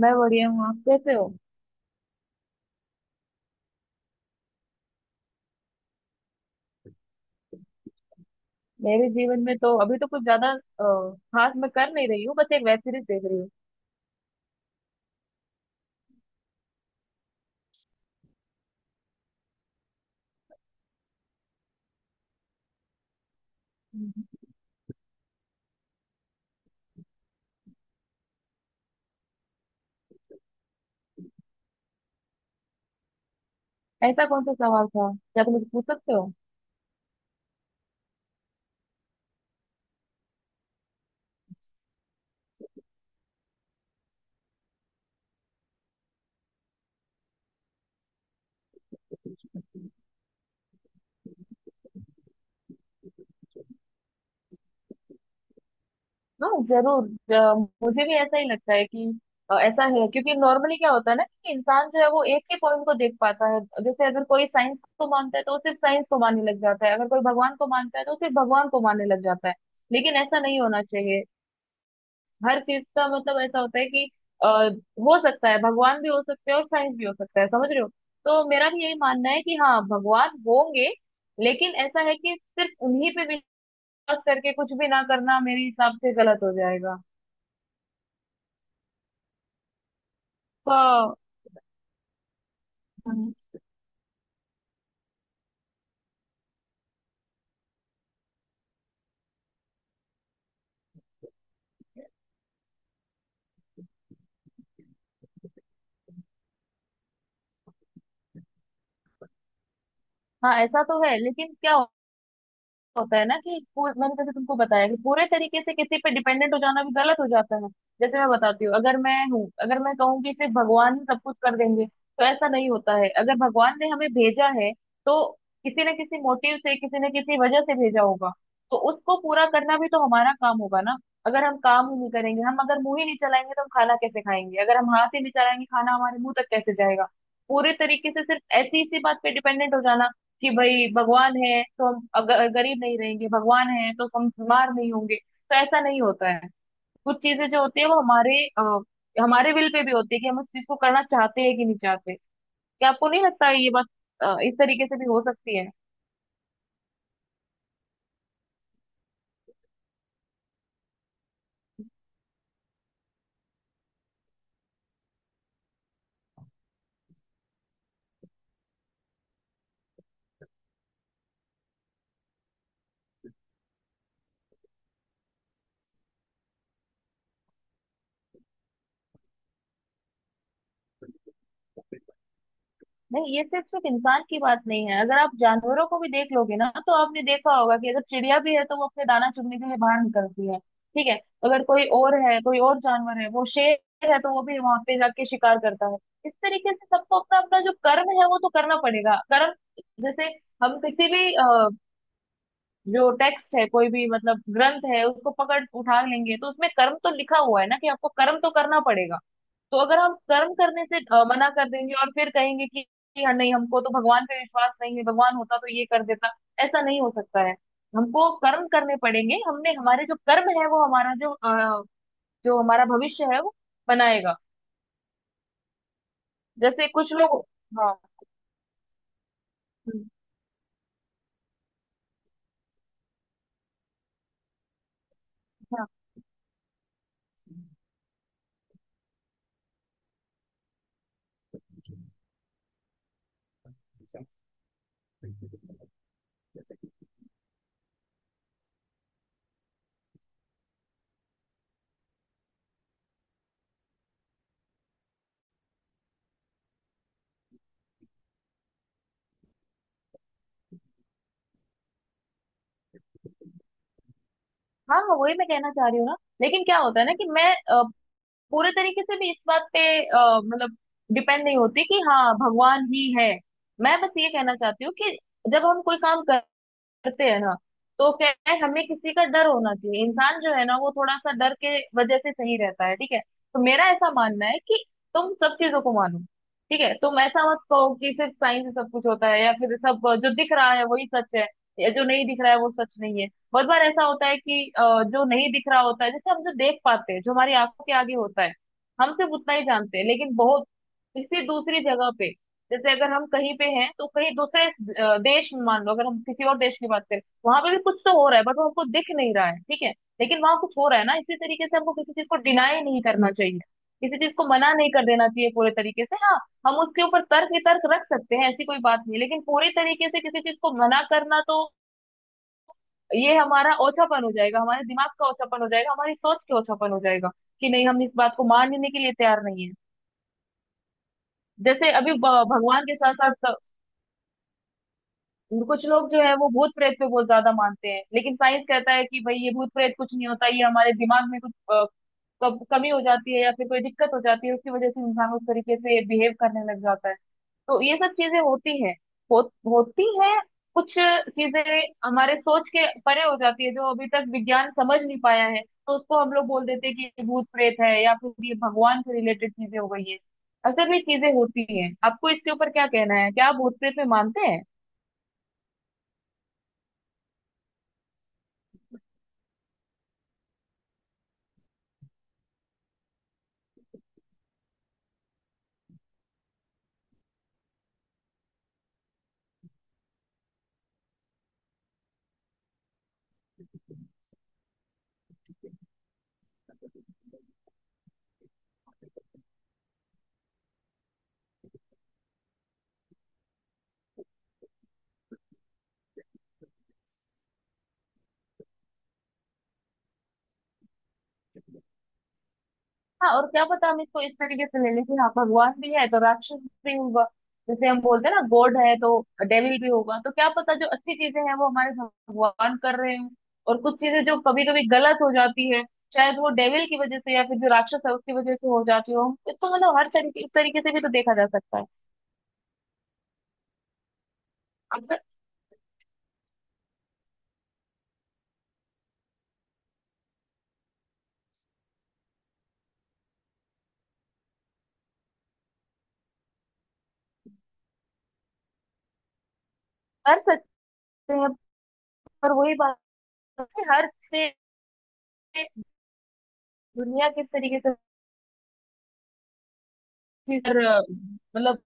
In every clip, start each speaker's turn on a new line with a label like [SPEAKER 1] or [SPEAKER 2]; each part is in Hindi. [SPEAKER 1] मैं बढ़िया हूँ। आप कैसे हो? मेरे जीवन में तो अभी तो कुछ ज्यादा खास मैं कर नहीं रही हूँ, बस एक वेब सीरीज देख रही हूँ। ऐसा कौन सा सवाल था? क्या तुम मुझे पूछ सकते हो? हाँ जरूर। मुझे भी ऐसा ही लगता है कि ऐसा है, क्योंकि नॉर्मली क्या होता है ना कि इंसान जो है वो एक ही पॉइंट को देख पाता है। जैसे अगर कोई साइंस को मानता है तो वो सिर्फ साइंस को मानने लग जाता है, अगर कोई भगवान को मानता है तो वो सिर्फ भगवान को मानने लग जाता है। लेकिन ऐसा नहीं होना चाहिए। हर चीज का मतलब ऐसा होता है कि हो सकता है भगवान भी हो सकते हैं और साइंस भी हो सकता है, समझ रहे हो? तो मेरा भी यही मानना है कि हाँ भगवान होंगे, लेकिन ऐसा है कि सिर्फ उन्हीं पे विश्वास करके कुछ भी ना करना मेरे हिसाब से गलत हो जाएगा। तो हाँ ऐसा तो है, लेकिन क्या होता है ना कि मैंने जैसे तुमको बताया कि पूरे तरीके से किसी पे डिपेंडेंट हो जाना भी गलत हो जाता है। जैसे मैं बताती हूँ, अगर मैं हूँ, अगर मैं कहूँ कि सिर्फ भगवान ही सब कुछ कर देंगे, तो ऐसा नहीं होता है। अगर भगवान ने हमें भेजा है तो किसी न किसी मोटिव से, किसी न किसी वजह से भेजा होगा, तो उसको पूरा करना भी तो हमारा काम होगा ना। अगर हम काम ही नहीं करेंगे, हम अगर मुंह ही नहीं चलाएंगे तो हम खाना कैसे खाएंगे, अगर हम हाथ ही नहीं चलाएंगे खाना हमारे मुंह तक कैसे जाएगा? पूरे तरीके से सिर्फ ऐसी इसी बात पे डिपेंडेंट हो जाना कि भाई भगवान है तो हम अगर गरीब नहीं रहेंगे, भगवान है तो हम बीमार नहीं होंगे, तो ऐसा नहीं होता है। कुछ चीजें जो होती है वो हमारे हमारे विल पे भी होती है कि हम उस चीज को करना चाहते हैं कि नहीं चाहते। क्या आपको नहीं लगता है ये बात इस तरीके से भी हो सकती है? नहीं, ये सिर्फ सिर्फ इंसान की बात नहीं है, अगर आप जानवरों को भी देख लोगे ना तो आपने देखा होगा कि अगर चिड़िया भी है तो वो अपने दाना चुगने के लिए बाहर निकलती है, ठीक है? अगर कोई और है, कोई और जानवर है, वो शेर है, तो वो भी वहां पे जाके शिकार करता है। इस तरीके से सबको अपना अपना जो कर्म है वो तो करना पड़ेगा। कर्म, जैसे हम किसी भी जो टेक्स्ट है, कोई भी मतलब ग्रंथ है, उसको पकड़ उठा लेंगे तो उसमें कर्म तो लिखा हुआ है ना कि आपको कर्म तो करना पड़ेगा। तो अगर हम कर्म करने से मना कर देंगे और फिर कहेंगे कि हाँ नहीं हमको तो भगवान पे विश्वास नहीं है, भगवान होता तो ये कर देता, ऐसा नहीं हो सकता है। हमको कर्म करने पड़ेंगे, हमने हमारे जो कर्म है वो हमारा जो जो हमारा भविष्य है वो बनाएगा। जैसे कुछ लोग। हाँ। हम्म। हाँ, हाँ, हाँ, वही मैं कहना चाह रही हूँ ना, लेकिन क्या होता है ना कि मैं पूरे तरीके से भी इस बात पे मतलब डिपेंड नहीं होती कि हाँ भगवान ही है। मैं बस ये कहना चाहती हूँ कि जब हम कोई काम कर करते हैं ना, तो क्या है, हमें किसी का डर होना चाहिए। इंसान जो है ना वो थोड़ा सा डर के वजह से सही रहता है, ठीक है? तो मेरा ऐसा मानना है कि तुम सब चीजों को मानो, ठीक है? तुम ऐसा मत कहो कि सिर्फ साइंस से सब कुछ होता है, या फिर सब जो दिख रहा है वही सच है, या जो नहीं दिख रहा है वो सच नहीं है। बहुत बार ऐसा होता है कि जो नहीं दिख रहा होता है, जैसे हम जो देख पाते हैं, जो हमारी आंखों के आगे होता है, हम सिर्फ उतना ही जानते हैं, लेकिन बहुत किसी दूसरी जगह पे, जैसे अगर हम कहीं पे हैं तो कहीं दूसरे देश में, मान लो अगर हम किसी और देश की बात करें, वहां पे भी कुछ तो हो रहा है, बट वो हमको दिख नहीं रहा है, ठीक है? लेकिन वहां कुछ हो रहा है ना, इसी तरीके से हमको किसी चीज को डिनाई नहीं करना चाहिए, किसी चीज को मना नहीं कर देना चाहिए पूरे तरीके से। हाँ, हम उसके ऊपर तर्क वितर्क रख सकते हैं, ऐसी कोई बात नहीं, लेकिन पूरी तरीके से किसी चीज को मना करना तो ये हमारा ओछापन हो जाएगा, हमारे दिमाग का ओछापन हो जाएगा, हमारी सोच के ओछापन हो जाएगा, कि नहीं हम इस बात को मानने के लिए तैयार नहीं है। जैसे अभी भगवान के साथ साथ कुछ लोग जो है वो भूत प्रेत पे बहुत ज्यादा मानते हैं, लेकिन साइंस कहता है कि भाई ये भूत प्रेत कुछ नहीं होता, ये हमारे दिमाग में कुछ कमी हो जाती है या फिर कोई दिक्कत हो जाती है, उसकी वजह से इंसान उस तरीके से बिहेव करने लग जाता है। तो ये सब चीजें होती है, हो, होती है कुछ चीजें हमारे सोच के परे हो जाती है, जो अभी तक विज्ञान समझ नहीं पाया है, तो उसको हम लोग बोल देते हैं कि ये भूत प्रेत है या फिर ये भगवान से रिलेटेड चीजें हो गई है। असल में चीजें होती हैं। आपको इसके ऊपर क्या कहना है? क्या आप भूत प्रेत में मानते हैं? हाँ, और क्या पता, हम इसको इस तरीके से ले लें कि हाँ भगवान भी है तो राक्षस भी होगा। जैसे हम बोलते हैं ना, गॉड है तो डेविल भी होगा, तो क्या पता जो अच्छी चीजें हैं वो हमारे भगवान कर रहे हो, और कुछ चीजें जो कभी कभी गलत हो जाती है, शायद वो डेविल की वजह से या फिर जो राक्षस है उसकी वजह से हो जाती हो। इसको मतलब हर तरीके इस तरीके से भी तो देखा जा सकता है। अब तो कर सकते हैं, पर वही बात है कि हर से दुनिया किस तरीके से फिर मतलब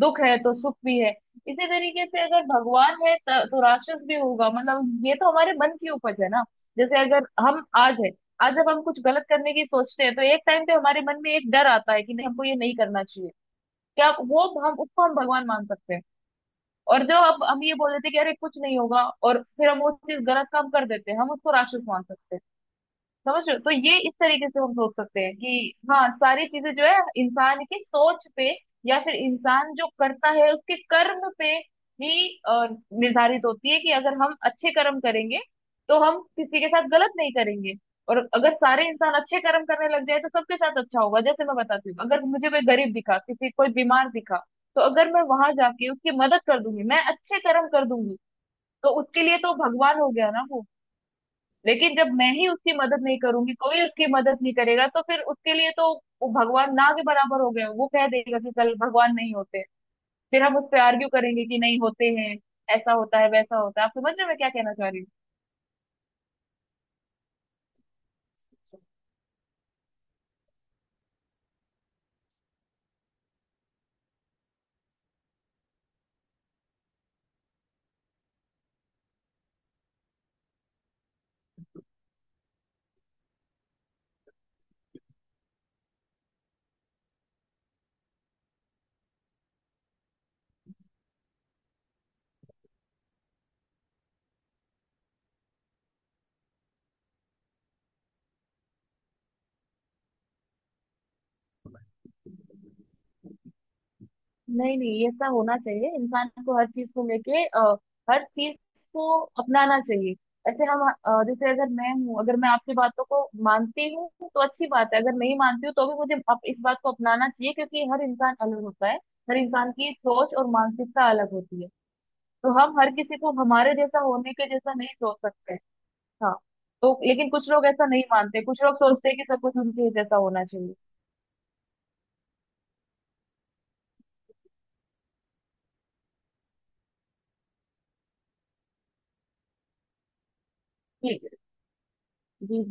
[SPEAKER 1] दुख है तो सुख भी है। इसी तरीके से अगर भगवान है तो राक्षस भी होगा। मतलब ये तो हमारे मन की उपज है ना, जैसे अगर हम आज है, आज जब हम कुछ गलत करने की सोचते हैं तो एक टाइम पे हमारे मन में एक डर आता है कि नहीं हमको ये नहीं करना चाहिए, क्या वो हम उसको हम भगवान मान सकते हैं? और जो अब हम ये बोल देते हैं कि अरे कुछ नहीं होगा और फिर हम वो चीज गलत काम कर देते हैं, हम उसको राक्षस मान सकते हैं, समझ रहे हो? तो ये इस तरीके से हम सोच सकते हैं कि हाँ सारी चीजें जो है इंसान की सोच पे, या फिर इंसान जो करता है उसके कर्म पे ही निर्धारित होती है, कि अगर हम अच्छे कर्म करेंगे तो हम किसी के साथ गलत नहीं करेंगे, और अगर सारे इंसान अच्छे कर्म करने लग जाए तो सबके साथ अच्छा होगा। जैसे मैं बताती हूँ, अगर मुझे कोई गरीब दिखा, किसी कोई बीमार दिखा, तो अगर मैं वहां जाके उसकी मदद कर दूंगी, मैं अच्छे कर्म कर दूंगी, तो उसके लिए तो भगवान हो गया ना वो। लेकिन जब मैं ही उसकी मदद नहीं करूंगी, कोई उसकी मदद नहीं करेगा, तो फिर उसके लिए तो वो भगवान ना के बराबर हो गए, वो कह देगा कि कल भगवान नहीं होते। फिर हम उस पे आर्ग्यू करेंगे कि नहीं होते हैं, ऐसा होता है, वैसा होता है। आप समझ रहे हैं मैं क्या कहना चाह रही हूँ? नहीं नहीं, ये सब होना चाहिए। इंसान को हर चीज को लेके हर चीज को अपनाना चाहिए। ऐसे हम जैसे अगर मैं हूँ, अगर मैं आपकी बातों को मानती हूँ तो अच्छी बात है, अगर नहीं मानती हूँ तो भी मुझे इस बात को अपनाना चाहिए, क्योंकि हर इंसान अलग होता है, हर इंसान की सोच और मानसिकता अलग होती है। तो हम हर किसी को हमारे जैसा होने के जैसा नहीं सोच सकते। हाँ, तो लेकिन कुछ लोग ऐसा नहीं मानते, कुछ लोग सोचते हैं कि सब कुछ उनके जैसा होना चाहिए। ठीक है। जी, जी।